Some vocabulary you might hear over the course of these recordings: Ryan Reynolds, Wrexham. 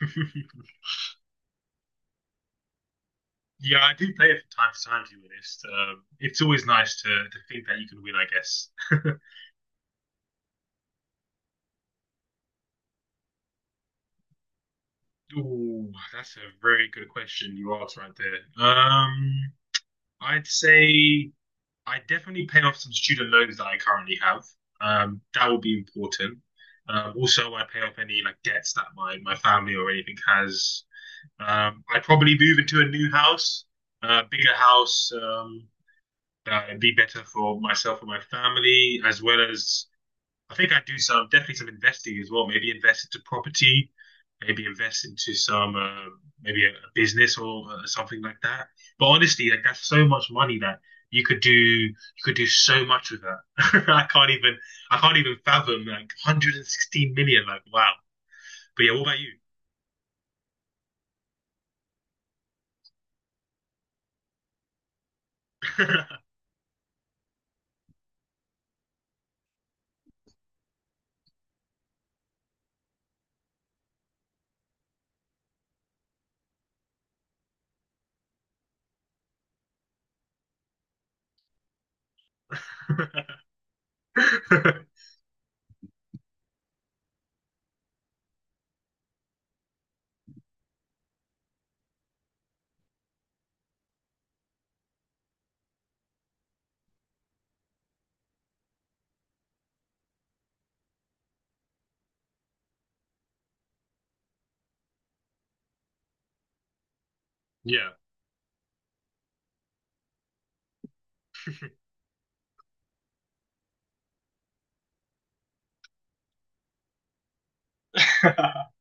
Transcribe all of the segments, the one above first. Yeah, I do play it from time to time, to be honest. It's always nice to think that you can win, I guess. Ooh, that's a very good question you asked right there. I'd say I definitely pay off some student loans that I currently have. That would be important. Also, I pay off any like debts that my family or anything has. I'd probably move into a new house, a bigger house. That would be better for myself and my family, as well as I think I'd do some definitely some investing as well. Maybe invest into property, maybe invest into some maybe a business or something like that. But honestly, like that's so much money that you could do so much with that. I can't even I can't even fathom like 116 million. Like wow. But yeah, what about you? Yeah.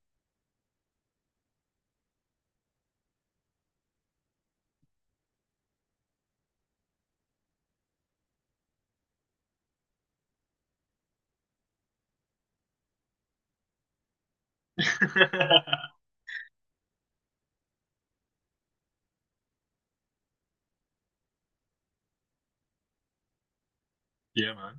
Yeah, man.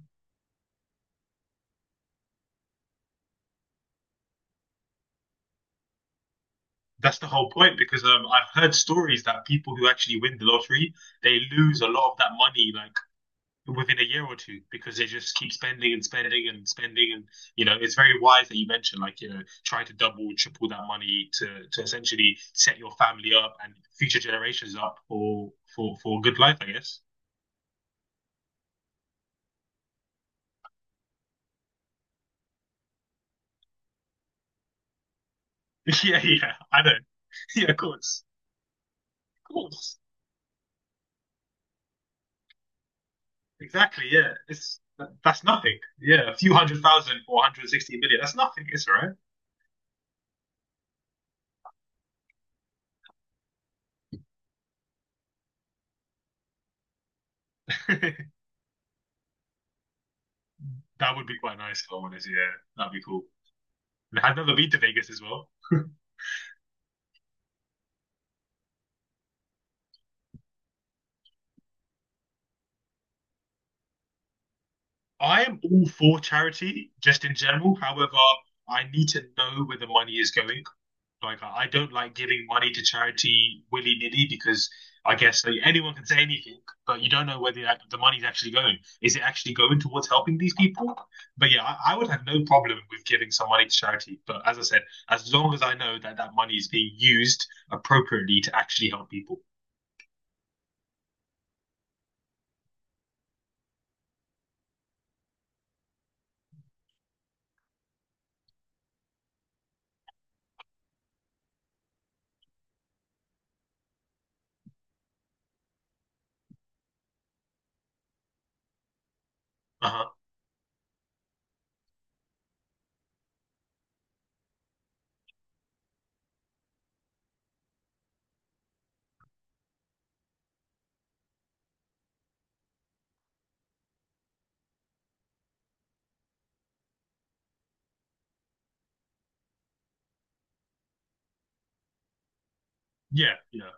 That's the whole point because I've heard stories that people who actually win the lottery, they lose a lot of that money like within a year or two because they just keep spending and spending and spending and you know it's very wise that you mentioned like you know try to double triple that money to essentially set your family up and future generations up for a good life, I guess. Yeah, I know. Yeah, of course, exactly. Yeah, that's nothing. Yeah, a few hundred thousand or 160 million, that's nothing. It's all right. That would be quite nice if I'm honest. Yeah, that'd be cool. And I've never been to Vegas as well. I am all for charity, just in general. However, I need to know where the money is going. Like, I don't like giving money to charity willy-nilly because I guess like, anyone can say anything, but you don't know where the money's actually going. Is it actually going towards helping these people? But yeah, I would have no problem with giving some money to charity. But as I said, as long as I know that that money is being used appropriately to actually help people. Uh-huh. Yeah, yeah.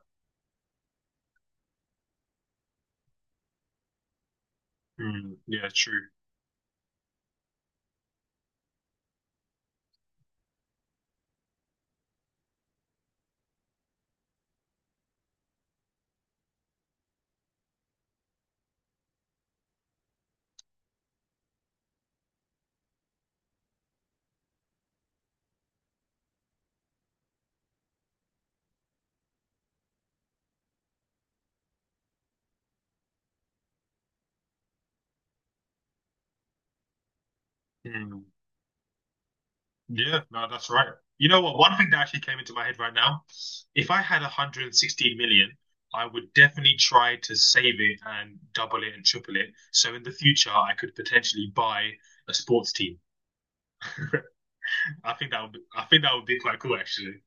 Mm, yeah, true. Mm, yeah, no, that's right. You know what? One thing that actually came into my head right now, if I had 116 million, I would definitely try to save it and double it and triple it. So in the future, I could potentially buy a sports team. I think that would be, I think that would be quite cool, actually.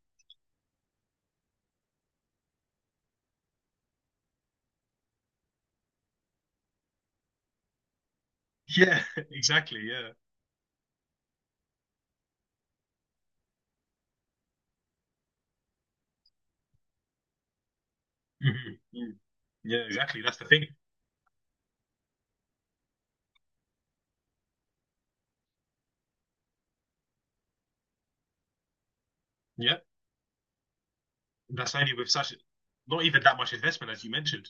Yeah, exactly. Yeah. Mhm, mm. Yeah, exactly. That's the thing. Yeah, that's only with such not even that much investment as you mentioned.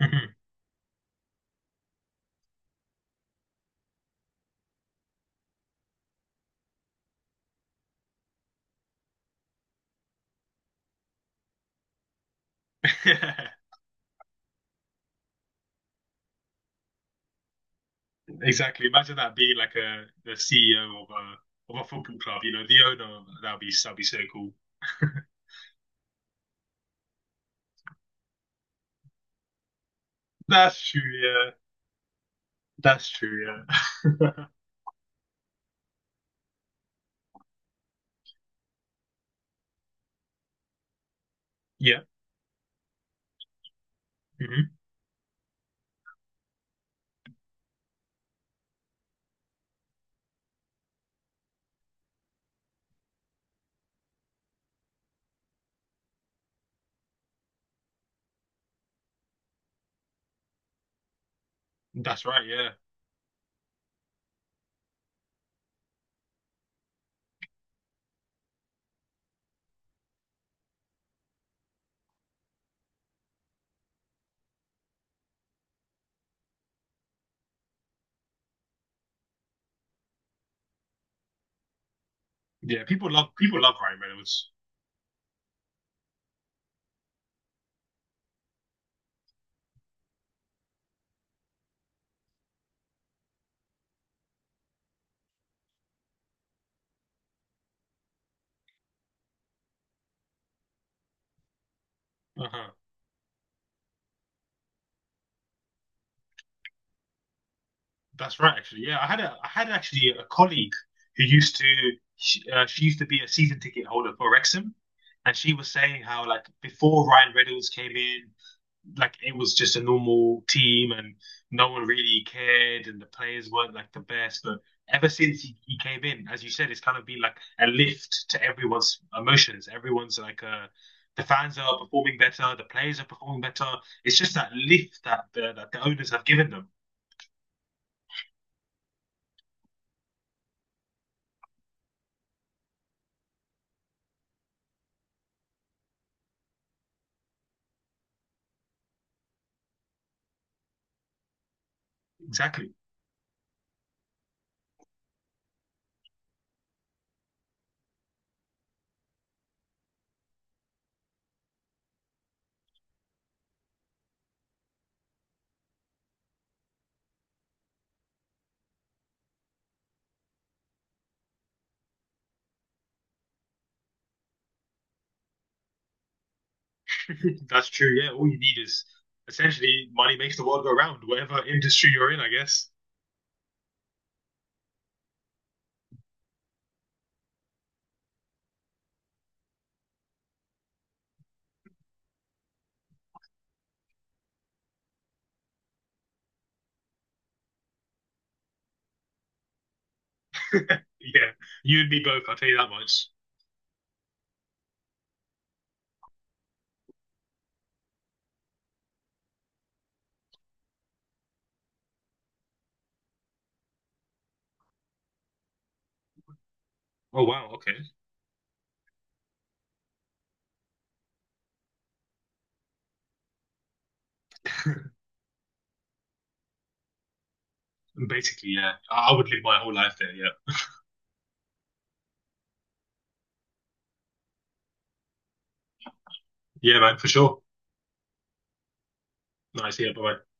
Mhm. Exactly. Imagine that being like a the CEO of a football club. You know, the owner. That'd be so cool. That's true. Yeah. That's true. Yeah. Yeah. Hmm. That's right. Yeah. Yeah. People love Ryan Reynolds. Uh-huh. That's right. Actually, yeah. I had actually a colleague who used to she used to be a season ticket holder for Wrexham, and she was saying how like before Ryan Reynolds came in, like it was just a normal team and no one really cared and the players weren't like the best. But ever since he came in, as you said, it's kind of been like a lift to everyone's emotions. Everyone's like the fans are performing better, the players are performing better. It's just that lift that that the owners have given them. Exactly. That's true. Yeah, all you need is essentially money makes the world go round. Whatever industry you're in, I guess. Yeah, you and me both. I'll tell you that much. Oh wow. Okay. Basically, yeah. I would live my whole life there. Yeah. Yeah, man, for sure. Nice. Yeah. Bye.